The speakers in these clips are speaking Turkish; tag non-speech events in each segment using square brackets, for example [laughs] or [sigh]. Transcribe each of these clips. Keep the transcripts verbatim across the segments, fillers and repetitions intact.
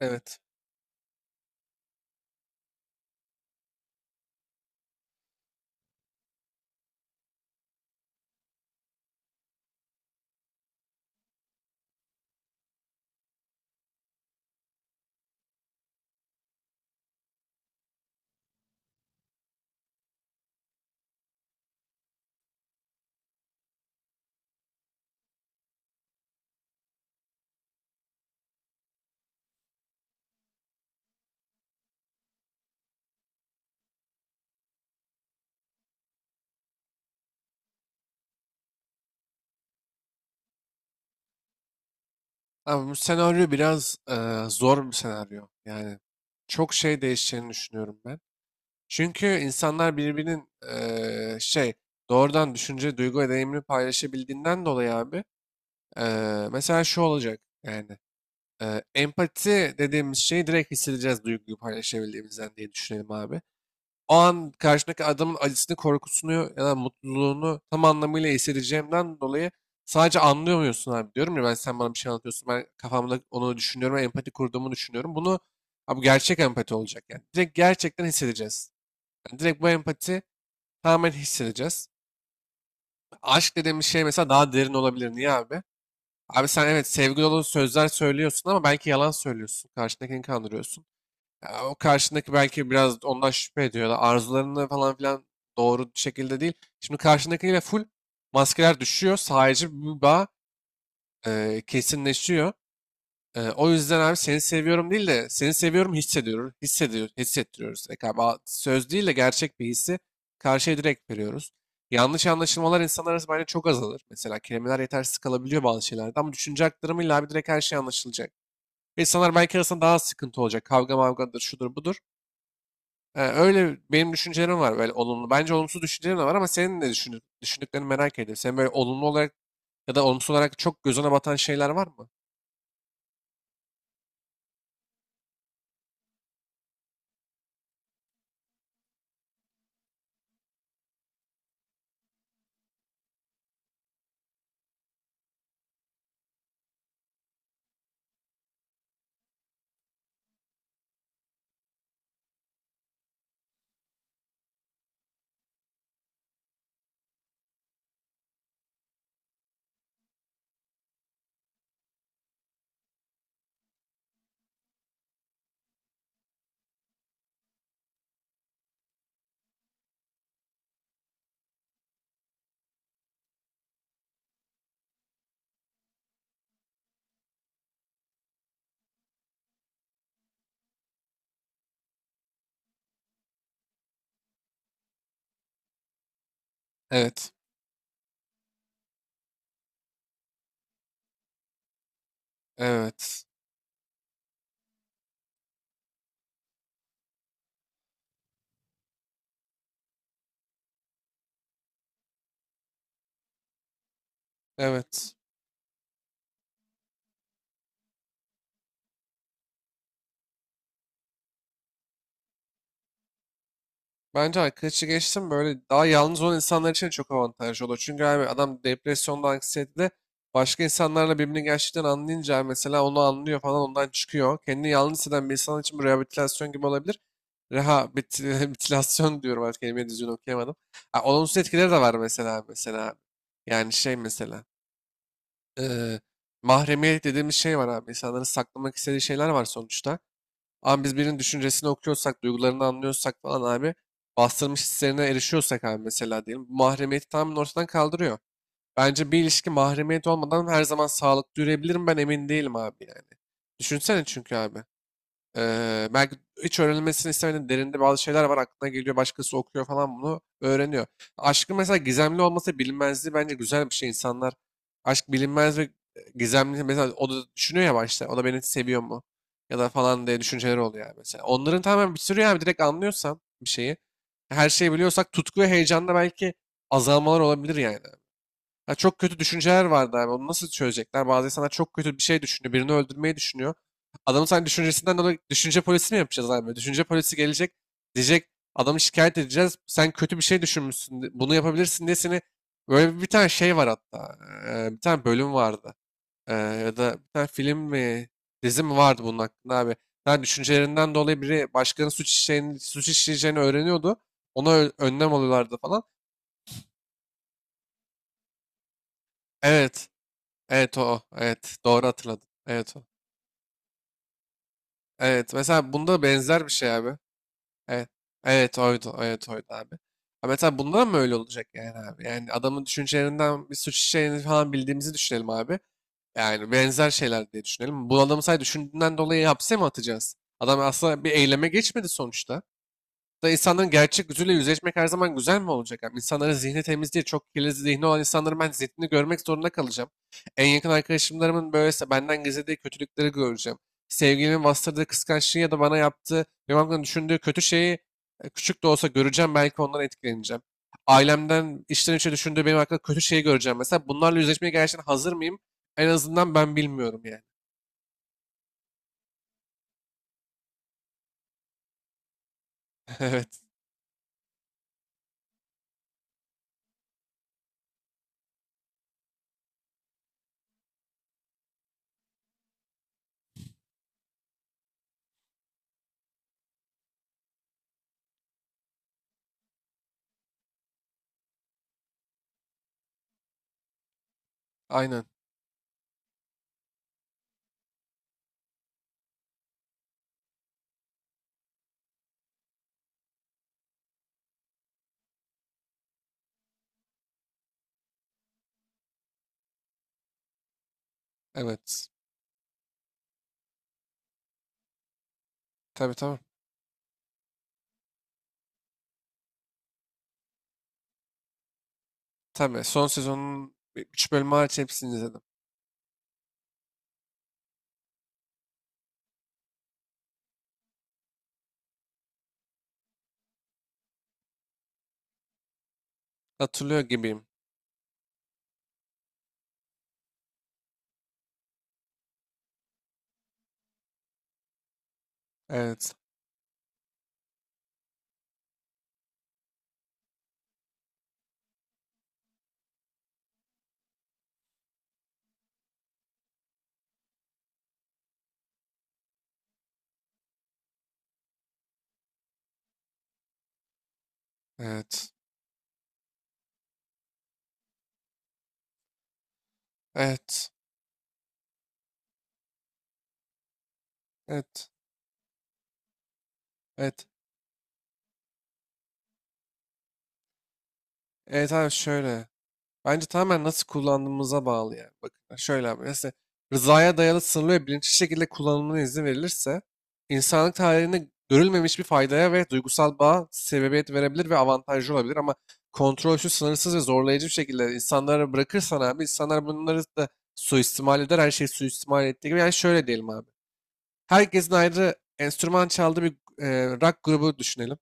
Evet. Ama bu senaryo biraz eee, zor bir senaryo. Yani çok şey değişeceğini düşünüyorum ben. Çünkü insanlar birbirinin eee, şey doğrudan düşünce, duygu ve deneyimini paylaşabildiğinden dolayı abi eee, mesela şu olacak yani. Eee, empati dediğimiz şeyi direkt hissedeceğiz, duyguyu paylaşabildiğimizden diye düşünelim abi. O an karşındaki adamın acısını, korkusunu ya da mutluluğunu tam anlamıyla hissedeceğimden dolayı sadece anlıyor muyorsun abi, diyorum ya, ben sen bana bir şey anlatıyorsun, ben kafamda onu düşünüyorum, empati kurduğumu düşünüyorum. Bunu abi, gerçek empati olacak yani. Direkt gerçekten hissedeceğiz. Yani direkt bu empati tamamen hissedeceğiz. Aşk dediğimiz şey mesela daha derin olabilir. Niye abi? Abi sen evet sevgi dolu sözler söylüyorsun ama belki yalan söylüyorsun. Karşındakini kandırıyorsun. Ya o karşındaki belki biraz ondan şüphe ediyor da arzularını falan filan doğru bir şekilde değil. Şimdi karşındakiyle full maskeler düşüyor. Sadece bir bağ e, kesinleşiyor. E, o yüzden abi seni seviyorum değil de seni seviyorum hissediyoruz. Hissediyor, hissettiriyoruz. E, galiba söz değil de gerçek bir hissi karşıya direkt veriyoruz. Yanlış anlaşılmalar insanlar arasında bence çok azalır. Mesela kelimeler yetersiz kalabiliyor bazı şeylerde ama düşünce aktarımıyla abi direkt her şey anlaşılacak. İnsanlar belki arasında daha az sıkıntı olacak. Kavga mavgadır, şudur budur. Ee, öyle benim düşüncelerim var, böyle olumlu. Bence olumsuz düşüncelerim de var ama senin de düşün, düşündüklerini merak ediyorum. Senin böyle olumlu olarak ya da olumsuz olarak çok gözüne batan şeyler var mı? Evet. Evet. Evet. Bence arkadaşı geçtim, böyle daha yalnız olan insanlar için çok avantajlı olur. Çünkü abi adam depresyonda, anksiyetede, başka insanlarla birbirini gerçekten anlayınca mesela onu anlıyor falan, ondan çıkıyor. Kendini yalnız hisseden bir insan için bu rehabilitasyon gibi olabilir. Rehabilitasyon [laughs] diyorum, artık kelimeyi düzgün okuyamadım. Ha, olumsuz etkileri de var mesela mesela. Yani şey mesela eee mahremiyet dediğimiz şey var abi. İnsanların saklamak istediği şeyler var sonuçta. Ama biz birinin düşüncesini okuyorsak, duygularını anlıyorsak falan abi, bastırmış hislerine erişiyorsak abi mesela diyelim. Bu mahremiyeti tamamen ortadan kaldırıyor. Bence bir ilişki mahremiyet olmadan her zaman sağlıklı yürüyebilir mi, ben emin değilim abi yani. Düşünsene çünkü abi. Eee, belki hiç öğrenilmesini istemediğin derinde bazı şeyler var, aklına geliyor. Başkası okuyor falan, bunu öğreniyor. Aşkın mesela gizemli olması, bilinmezliği bence güzel bir şey. İnsanlar aşk bilinmez ve gizemli, mesela o da düşünüyor ya başta. O da beni seviyor mu? Ya da falan diye düşünceleri oluyor yani mesela. Onların tamamen bir sürü yani direkt anlıyorsan bir şeyi. Her şeyi biliyorsak tutku ve heyecanda belki azalmalar olabilir yani. Ya çok kötü düşünceler vardı abi. Onu nasıl çözecekler? Bazı insanlar çok kötü bir şey düşünüyor. Birini öldürmeyi düşünüyor. Adamın sen düşüncesinden dolayı düşünce polisi mi yapacağız abi? Düşünce polisi gelecek. Diyecek adamı şikayet edeceğiz. Sen kötü bir şey düşünmüşsün. Bunu yapabilirsin diye seni böyle, bir tane şey var hatta. Ee, bir tane bölüm vardı. Ee, ya da bir tane film mi, dizi mi vardı bunun hakkında abi. Yani düşüncelerinden dolayı biri başkanın suç işleyeni, suç işleyeceğini öğreniyordu. Ona ö- önlem alıyorlardı falan. Evet. Evet o. O. Evet. Doğru hatırladın. Evet o. Evet. Mesela bunda benzer bir şey abi. Evet. Evet oydu. Evet oydu abi. Ha, mesela bunda mı öyle olacak yani abi? Yani adamın düşüncelerinden bir suç işlediğini falan bildiğimizi düşünelim abi. Yani benzer şeyler diye düşünelim. Bu adamı sadece düşündüğünden dolayı hapse mi atacağız? Adam aslında bir eyleme geçmedi sonuçta. Da insanların gerçek yüzüyle yüzleşmek her zaman güzel mi olacak abi? İnsanların zihni temiz değil. Çok kirli zihni olan insanların ben zihnini görmek zorunda kalacağım. En yakın arkadaşımlarımın böylese benden gizlediği kötülükleri göreceğim. Sevgilimin bastırdığı kıskançlığı ya da bana yaptığı, benim hakkımda düşündüğü kötü şeyi e, küçük de olsa göreceğim. Belki ondan etkileneceğim. Ailemden içten içe düşündüğü benim hakkında kötü şeyi göreceğim. Mesela bunlarla yüzleşmeye gerçekten hazır mıyım? En azından ben bilmiyorum yani. [laughs] Evet. Aynen. Evet. Tabii tabii. Tabii son sezonun üç bölümü hariç hepsini izledim. Hatırlıyor gibiyim. Evet. Evet. Evet. Evet. Evet. Evet abi, şöyle. Bence tamamen nasıl kullandığımıza bağlı yani. Bakın şöyle abi. Mesela rızaya dayalı, sınırlı ve bilinçli şekilde kullanımına izin verilirse, insanlık tarihinde görülmemiş bir faydaya ve duygusal bağa sebebiyet verebilir ve avantajlı olabilir. Ama kontrolsüz, sınırsız ve zorlayıcı bir şekilde insanlara bırakırsan abi, insanlar bunları da suistimal eder. Her şeyi suistimal ettiği gibi. Yani şöyle diyelim abi. Herkesin ayrı enstrüman çaldığı bir e, rock grubu düşünelim.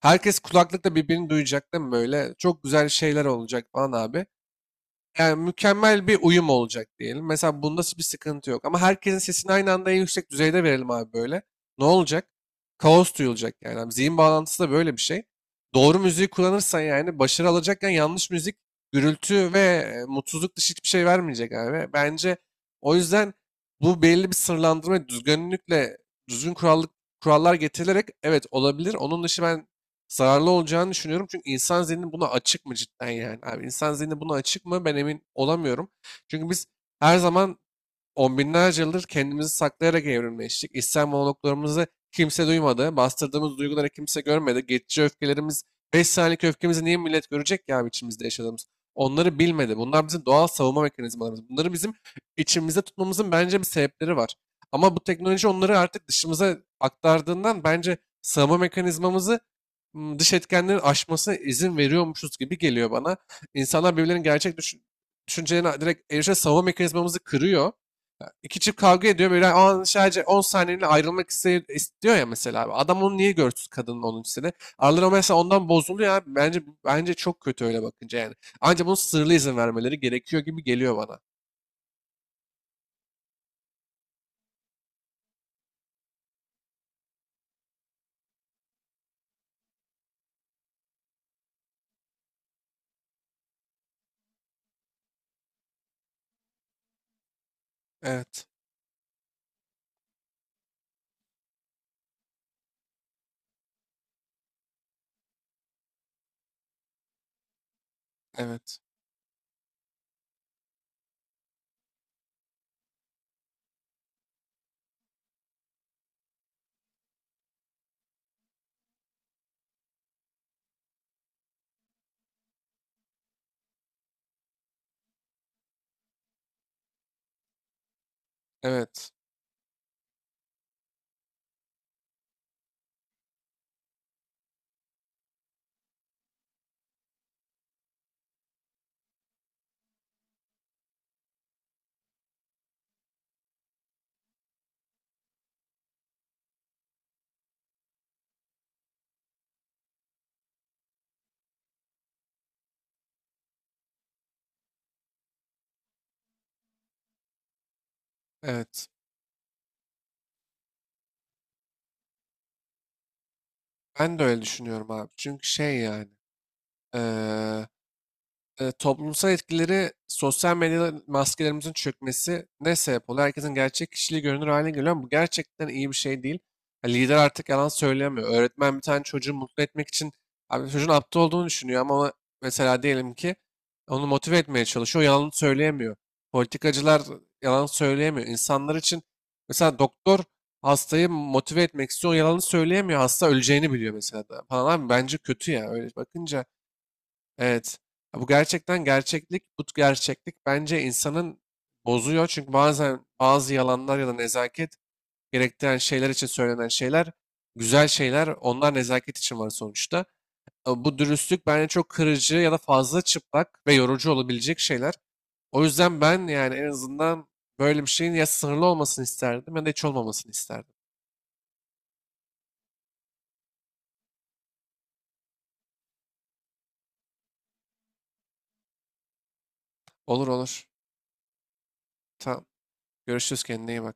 Herkes kulaklıkla birbirini duyacak değil mi böyle? Çok güzel şeyler olacak falan abi. Yani mükemmel bir uyum olacak diyelim. Mesela bunda bir sıkıntı yok. Ama herkesin sesini aynı anda en yüksek düzeyde verelim abi böyle. Ne olacak? Kaos duyulacak yani. Abi, zihin bağlantısı da böyle bir şey. Doğru müziği kullanırsan yani başarı alacakken, yanlış müzik gürültü ve e, mutsuzluk dışı hiçbir şey vermeyecek abi. Bence o yüzden bu belli bir sınırlandırma düzgünlükle, düzgün kurallık kurallar getirilerek evet olabilir. Onun dışı ben zararlı olacağını düşünüyorum. Çünkü insan zihni buna açık mı cidden yani? Abi insan zihni buna açık mı? Ben emin olamıyorum. Çünkü biz her zaman on binlerce yıldır kendimizi saklayarak evrimleştik. İçsel monologlarımızı kimse duymadı. Bastırdığımız duyguları kimse görmedi. Geçici öfkelerimiz, beş saniyelik öfkemizi niye millet görecek ki abi, içimizde yaşadığımız? Onları bilmedi. Bunlar bizim doğal savunma mekanizmalarımız. Bunları bizim içimizde tutmamızın bence bir sebepleri var. Ama bu teknoloji onları artık dışımıza aktardığından bence savunma mekanizmamızı m, dış etkenlerin aşmasına izin veriyormuşuz gibi geliyor bana. İnsanlar birbirlerinin gerçek düşün düşüncelerine direkt erişe savunma mekanizmamızı kırıyor. İki çift kavga ediyor böyle, an sadece on saniyeliğine ayrılmak iste- istiyor ya mesela abi. Adam onu niye görsün kadının onuncu sene? Araları mesela ondan bozuluyor abi. Bence bence çok kötü öyle bakınca yani. Ancak bunun sırlı izin vermeleri gerekiyor gibi geliyor bana. Evet, evet, evet, evet. Ben de öyle düşünüyorum abi. Çünkü şey yani. eee e, Toplumsal etkileri, sosyal medya maskelerimizin çökmesi ne sebep oluyor? Herkesin gerçek kişiliği görünür hale geliyor ama bu gerçekten iyi bir şey değil. Ya lider artık yalan söyleyemiyor. Öğretmen bir tane çocuğu mutlu etmek için abi, çocuğun aptal olduğunu düşünüyor ama ona- mesela diyelim ki onu motive etmeye çalışıyor. O yalan söyleyemiyor. Politikacılar yalan söyleyemiyor. İnsanlar için mesela doktor hastayı motive etmek istiyor. O yalanı söyleyemiyor. Hasta öleceğini biliyor mesela da falan abi, bence kötü ya. Öyle bakınca evet. Ya bu gerçekten gerçeklik, bu gerçeklik bence insanın bozuyor. Çünkü bazen bazı yalanlar ya da nezaket gerektiren şeyler için söylenen şeyler, güzel şeyler, onlar nezaket için var sonuçta. Ama bu dürüstlük bence çok kırıcı ya da fazla çıplak ve yorucu olabilecek şeyler. O yüzden ben yani en azından böyle bir şeyin ya sınırlı olmasını isterdim ya da hiç olmamasını isterdim. Olur olur. Tamam. Görüşürüz, kendine iyi bak.